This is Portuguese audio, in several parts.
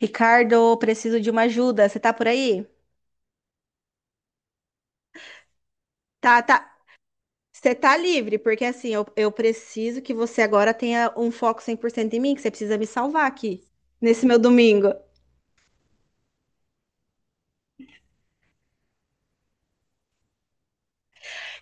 Ricardo, preciso de uma ajuda. Você tá por aí? Tá, tá. Você tá livre, porque assim, eu preciso que você agora tenha um foco 100% em mim, que você precisa me salvar aqui, nesse meu domingo.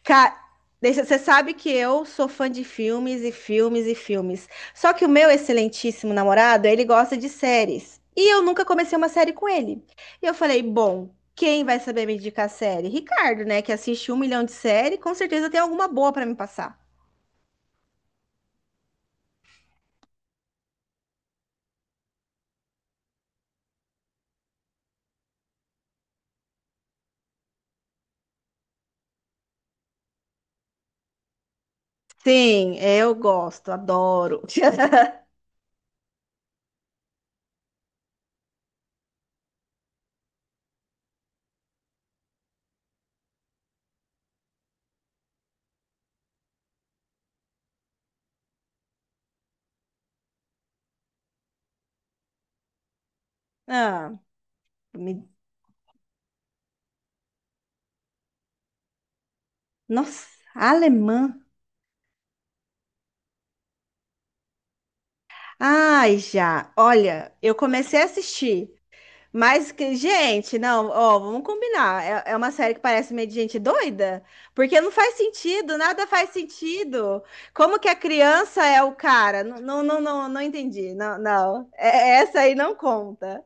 Cara, deixa, você sabe que eu sou fã de filmes e filmes e filmes. Só que o meu excelentíssimo namorado, ele gosta de séries. E eu nunca comecei uma série com ele. E eu falei, bom, quem vai saber me indicar série? Ricardo, né, que assiste um milhão de séries, com certeza tem alguma boa pra me passar. Sim, é, eu gosto, adoro. Ah, me- Nossa, alemã. Ai, já. Olha, eu comecei a assistir, mas que, gente, não, ó, vamos combinar. É, é uma série que parece meio de gente doida, porque não faz sentido, nada faz sentido. Como que a criança é o cara? Não, não, não, não, não entendi. Não, não. Essa aí não conta.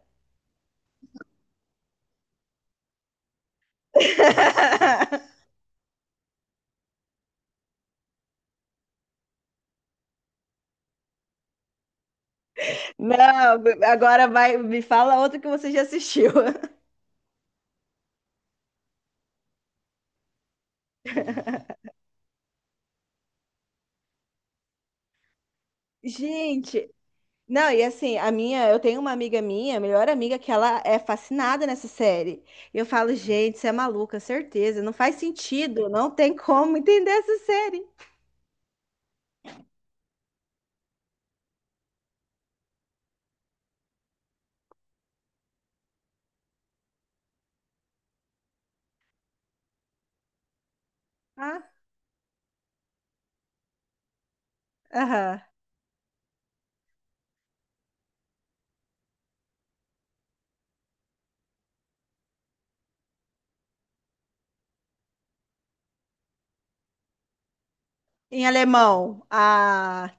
Não, agora vai, me fala outra que você já assistiu. Gente, não, e assim, a minha, eu tenho uma amiga minha, melhor amiga, que ela é fascinada nessa série. E eu falo, gente, você é maluca, certeza, não faz sentido, não tem como entender essa série. Ah, aham. Em alemão, a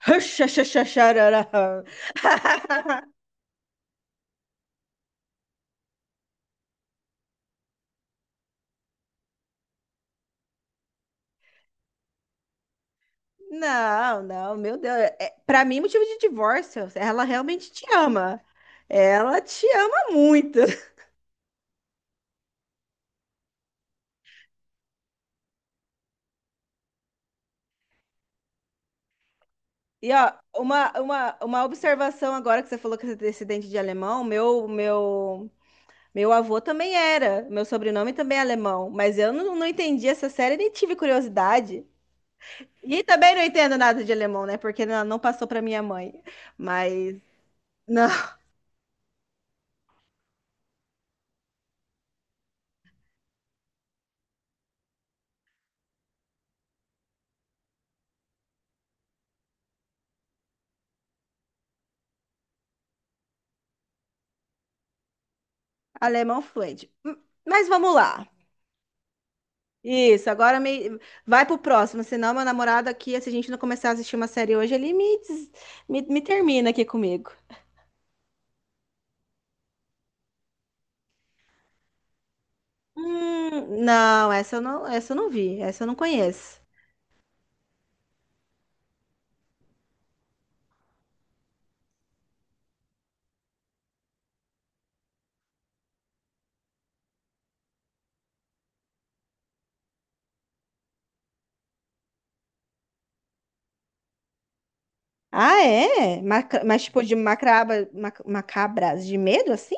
não, não, meu Deus, é, para mim motivo de divórcio, ela realmente te ama. Ela te ama muito. E ó, uma observação agora que você falou que você é descendente de alemão, meu avô também era, meu sobrenome também é alemão, mas eu não, não entendi essa série nem tive curiosidade. E também não entendo nada de alemão, né? Porque não, não passou para minha mãe. Mas não, alemão fluente. Mas vamos lá. Isso, agora me... vai pro próximo, senão meu namorado aqui, se a gente não começar a assistir uma série hoje, me, me termina aqui comigo. Não, essa eu não, essa eu não vi, essa eu não conheço. Ah, é? Mas tipo de macraba, macabras de medo assim?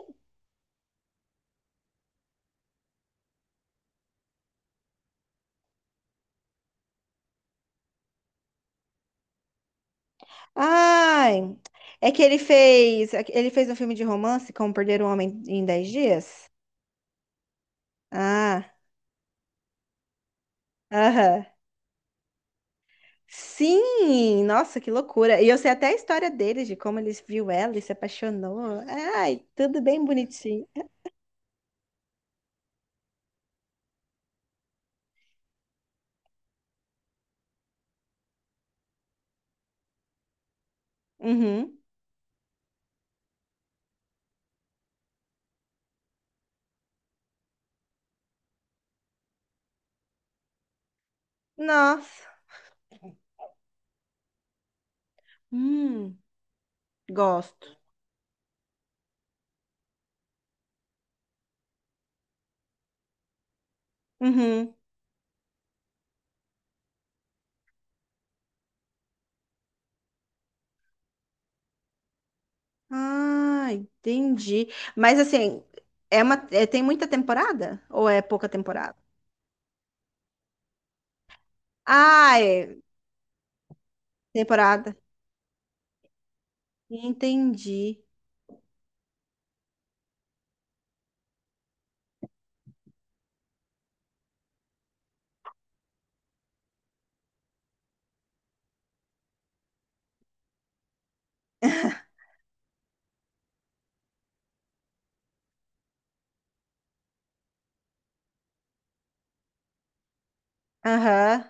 Ai, é que ele fez um filme de romance como Perder um Homem em 10 Dias. Ah, aham. Sim, nossa, que loucura. E eu sei até a história dele, de como ele viu ela e se apaixonou. Ai, tudo bem bonitinho. Uhum. Nossa. Hum, gosto. Uhum. Ah, entendi. Mas assim, tem muita temporada? Ou é pouca temporada? Ah, é temporada. Entendi. Aham.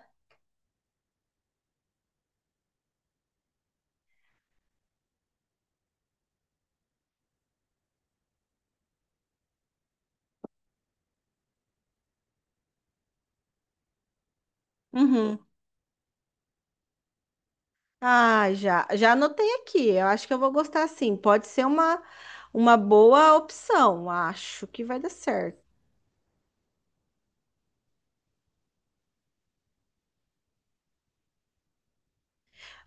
Uhum. Ah, já, já anotei aqui. Eu acho que eu vou gostar sim. Pode ser uma boa opção. Acho que vai dar certo.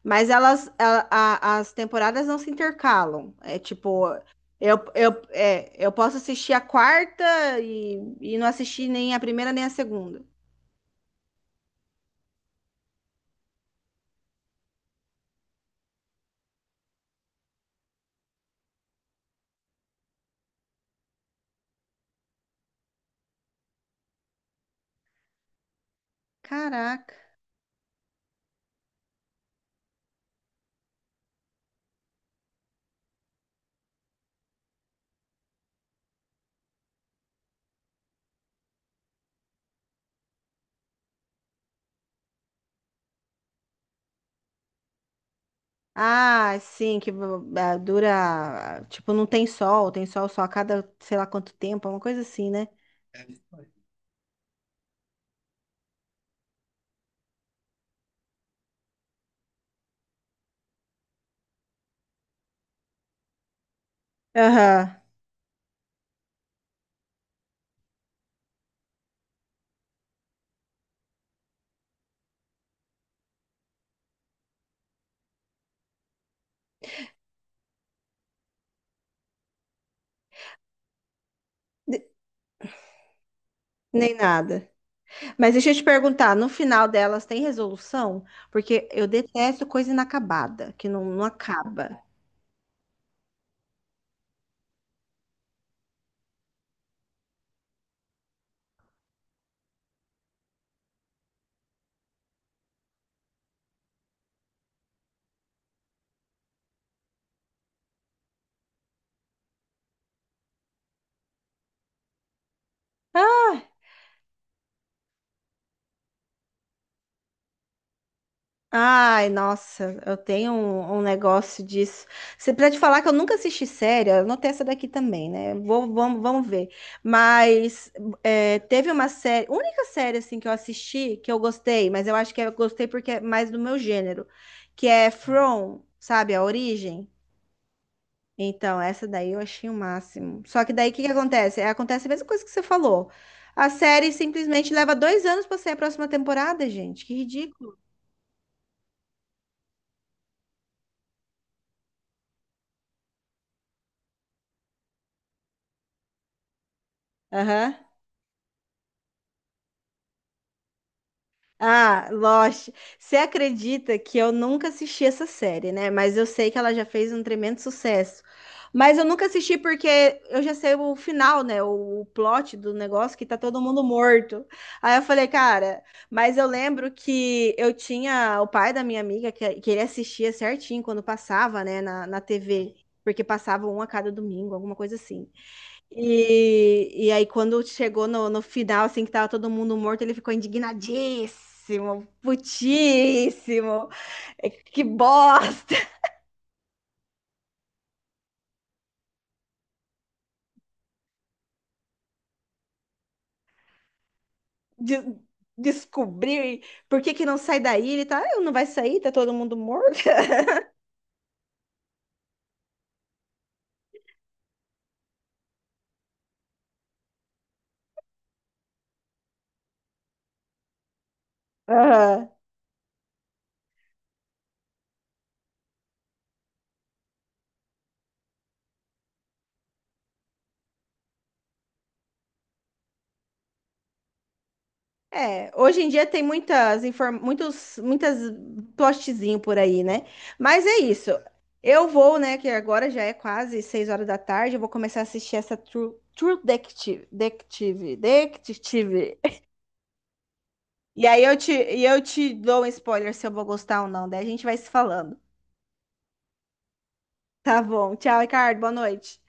Mas elas, as temporadas não se intercalam. É tipo, eu posso assistir a quarta e não assistir nem a primeira nem a segunda. Caraca. Ah, sim, ah, dura. Tipo, não tem sol, tem sol só a cada sei lá quanto tempo, é uma coisa assim, né? Aham. De- nem nada. Mas deixa eu te perguntar, no final delas tem resolução? Porque eu detesto coisa inacabada, que não, não acaba. Ah, ai, nossa, eu tenho um, um negócio disso. Você precisa te falar que eu nunca assisti série, eu anotei essa daqui também, né? Vou, vamos, vamos ver. Mas é, teve uma série, única série assim que eu assisti que eu gostei, mas eu acho que eu gostei porque é mais do meu gênero, que é From, sabe, a origem. Então, essa daí eu achei o máximo. Só que daí o que que acontece? É, acontece a mesma coisa que você falou. A série simplesmente leva 2 anos para sair a próxima temporada, gente. Que ridículo. Aham. Ah, Lost. Você acredita que eu nunca assisti essa série, né? Mas eu sei que ela já fez um tremendo sucesso. Mas eu nunca assisti porque eu já sei o final, né? O plot do negócio que tá todo mundo morto. Aí eu falei, cara, mas eu lembro que eu tinha o pai da minha amiga que ele assistia certinho quando passava, né, na, na TV. Porque passava um a cada domingo, alguma coisa assim. E aí, quando chegou no, no final, assim, que tava todo mundo morto, ele ficou indignadíssimo, putíssimo. É, que bosta! De, descobrir por que que não sai daí. Ele tá, "Ah, não vai sair, tá todo mundo morto." Aham. É, hoje em dia tem muitas muitos muitas plotzinho por aí, né? Mas é isso. Eu vou, né, que agora já é quase 6 horas da tarde, eu vou começar a assistir essa True, True Detective, Detective, Detective. E aí eu te e eu te dou um spoiler se eu vou gostar ou não, daí a gente vai se falando. Tá bom. Tchau, Ricardo. Boa noite.